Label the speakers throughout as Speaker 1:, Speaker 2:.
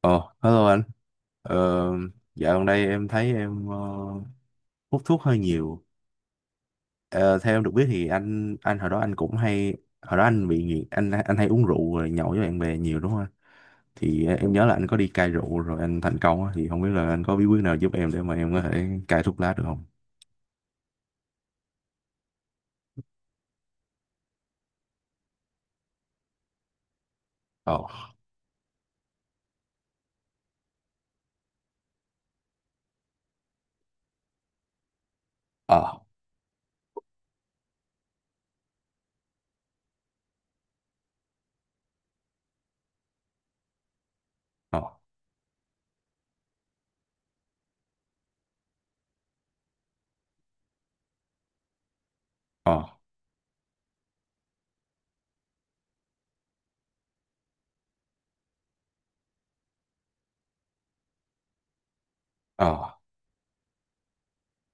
Speaker 1: Ồ, hello anh. Ờ, dạo gần đây em thấy em hút thuốc hơi nhiều. Ờ, theo em được biết thì anh hồi đó anh cũng hay hồi đó anh bị nghiện anh hay uống rượu rồi nhậu với bạn bè nhiều, đúng không anh? Thì em nhớ là anh có đi cai rượu rồi anh thành công á. Thì không biết là anh có bí quyết nào giúp em để mà em có thể cai thuốc lá được không? Ồ, ờ, ờ, ờ, ờ.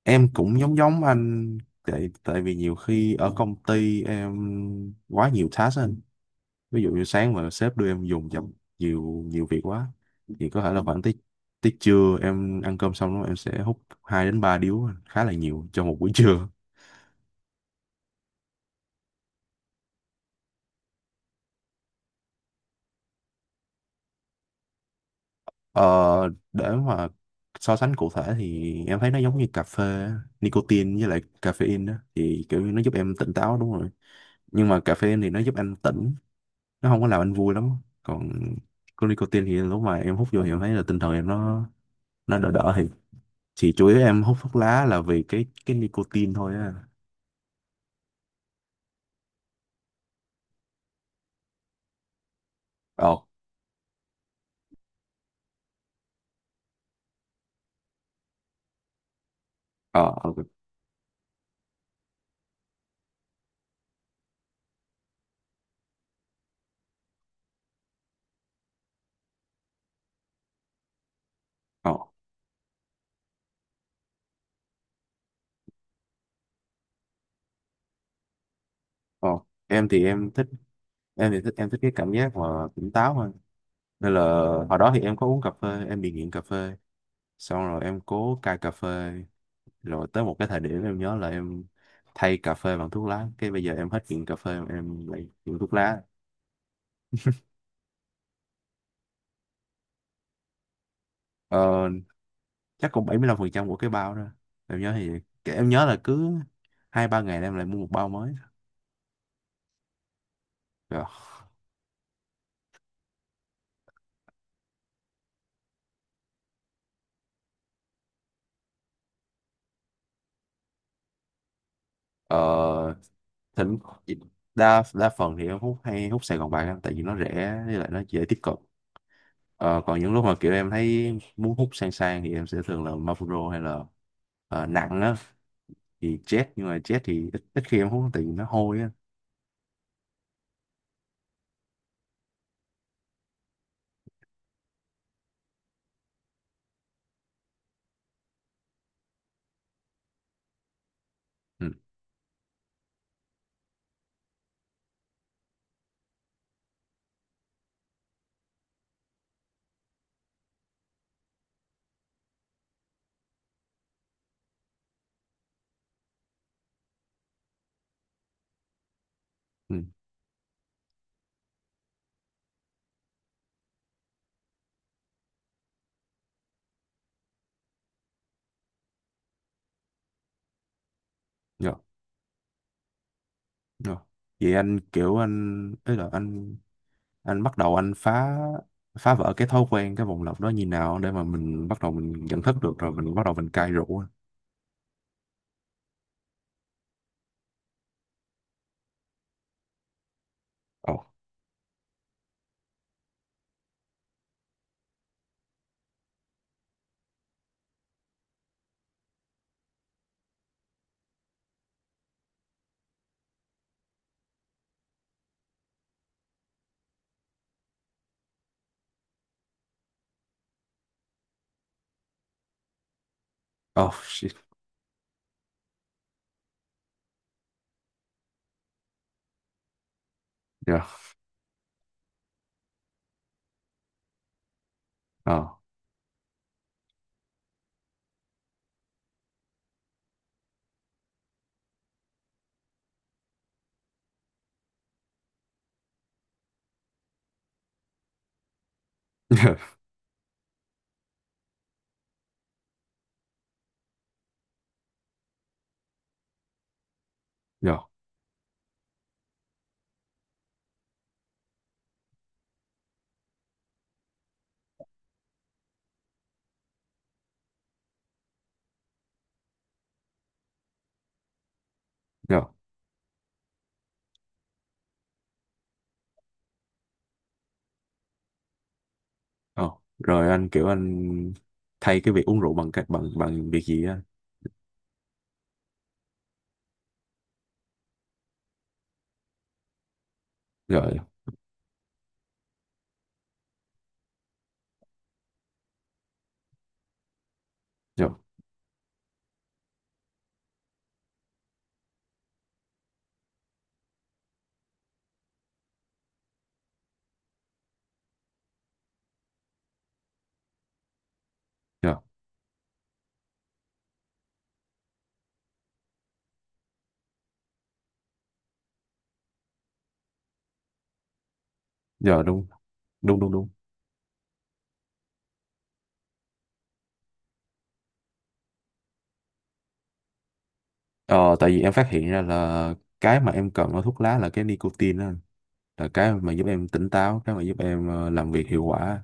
Speaker 1: Em cũng giống giống anh tại tại vì nhiều khi ở công ty em quá nhiều task á anh, ví dụ như sáng mà sếp đưa em dùng chậm, nhiều nhiều việc quá thì có thể là khoảng tới tới trưa em ăn cơm xong đó em sẽ hút 2 đến 3 điếu, khá là nhiều cho một buổi trưa. ờ, để mà so sánh cụ thể thì em thấy nó giống như cà phê, nicotine với lại caffeine đó thì kiểu như nó giúp em tỉnh táo, đúng rồi. Nhưng mà caffeine thì nó giúp anh tỉnh, nó không có làm anh vui lắm. Còn có nicotine thì lúc mà em hút vô thì em thấy là tinh thần em nó đỡ đỡ thì chủ yếu em hút thuốc lá là vì cái nicotine thôi á. Ờ, ờ, ờ, ờ, ờ. em thì em thích em thì thích em thích cái cảm giác mà tỉnh táo hơn nên là hồi đó thì em có uống cà phê, em bị nghiện cà phê, xong rồi em cố cai cà phê, rồi tới một cái thời điểm em nhớ là em thay cà phê bằng thuốc lá, cái bây giờ em hết nghiện cà phê em lại nghiện thuốc lá. ờ, chắc cũng 75% của cái bao đó. Em nhớ thì em nhớ là cứ hai ba ngày là em lại mua một bao mới. Rồi. Ờ, thỉnh đa đa phần thì em hút hay hút Sài Gòn bạc em tại vì nó rẻ với lại nó dễ tiếp cận. Ờ, còn những lúc mà kiểu em thấy muốn hút sang sang thì em sẽ thường là Marlboro, hay là nặng á thì Jet, nhưng mà Jet thì ít khi em hút tại vì nó hôi á. Ừ, ừ, dạ, dạ. Vậy anh kiểu anh tức là anh bắt đầu anh phá, phá vỡ cái thói quen cái vòng lặp đó như nào để mà mình bắt đầu mình nhận thức được rồi mình bắt đầu mình cai rượu á? Ồ. Oh, shit. Dạ. Ờ. Dạ, dạ, dạ. Ờ, rồi anh kiểu anh thay cái việc uống rượu bằng cách bằng bằng việc gì á? Rồi, rồi, rồi, rồi, đúng, đúng, đúng, đúng. Ờ, tại vì em phát hiện ra là cái mà em cần ở thuốc lá là cái nicotine đó anh. Là cái mà giúp em tỉnh táo, cái mà giúp em làm việc hiệu quả.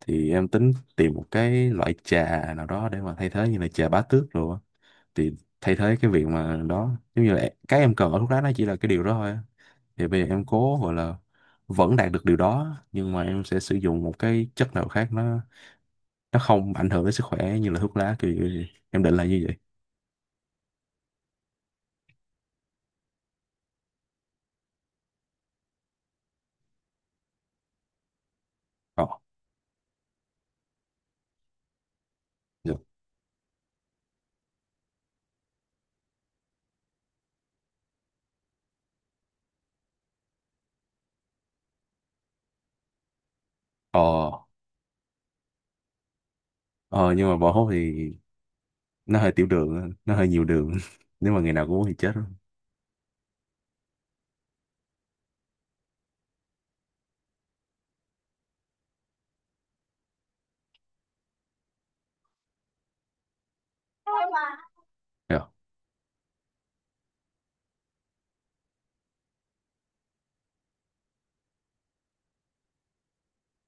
Speaker 1: Thì em tính tìm một cái loại trà nào đó để mà thay thế như là trà bá tước rồi á. Thì thay thế cái việc mà đó, giống như là cái em cần ở thuốc lá nó chỉ là cái điều đó thôi á. Thì bây giờ em cố gọi là vẫn đạt được điều đó nhưng mà em sẽ sử dụng một cái chất nào khác, nó không ảnh hưởng đến sức khỏe như là thuốc lá, kiểu như em định là như vậy. Ờ. Dạ. Ờ, ờ, nhưng mà bỏ hút thì nó hơi tiểu đường á, nó hơi nhiều đường. Nếu mà ngày nào cũng uống thì chết rồi. Dạ.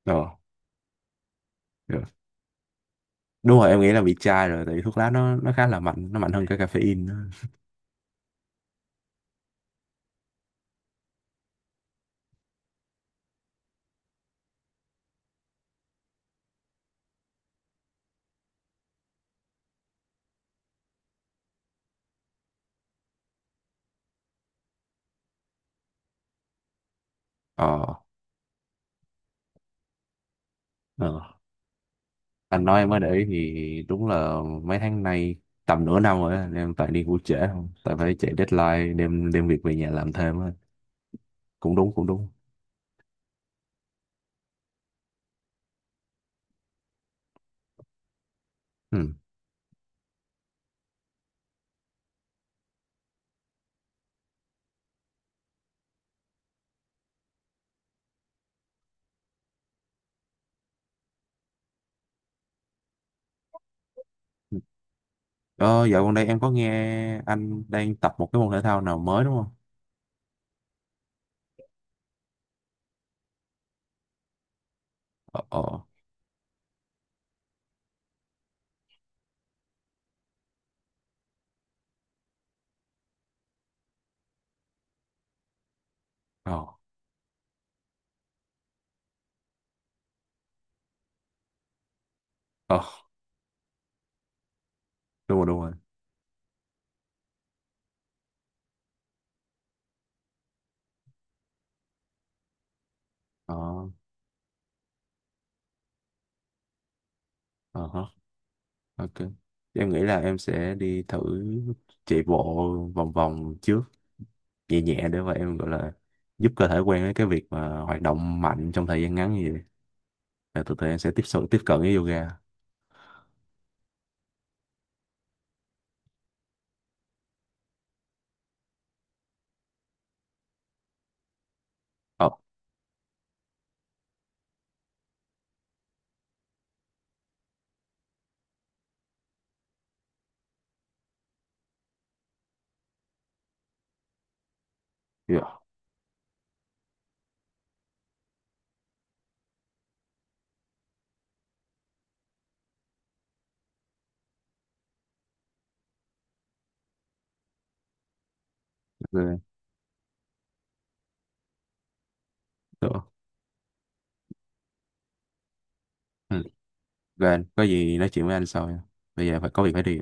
Speaker 1: Ờ. Dạ. Đúng rồi, em nghĩ là bị chai rồi, tại vì thuốc lá nó khá là mạnh, nó mạnh hơn cả caffeine nữa. Ờ, ờ, anh nói em mới để ý thì đúng là mấy tháng nay, tầm nửa năm rồi á, em toàn đi ngủ trễ không, tại phải chạy deadline, đem đem việc về nhà làm thêm á. Cũng đúng, cũng đúng. Ừ. Ờ, dạo gần đây em có nghe anh đang tập một cái môn thể thao nào mới đúng không? Ờ, ờ, ờ, ờ, đúng rồi, đúng rồi. Ờ, ờ hả, ok, em nghĩ là em sẽ đi thử chạy bộ vòng vòng trước, nhẹ nhẹ, để mà em gọi là giúp cơ thể quen với cái việc mà hoạt động mạnh trong thời gian ngắn, như vậy là tụi tụi em sẽ tiếp cận với yoga. Ồ, yeah. Được. Ừ. Rồi, anh có gì nói chuyện với anh sau nha. Bây giờ phải có việc phải đi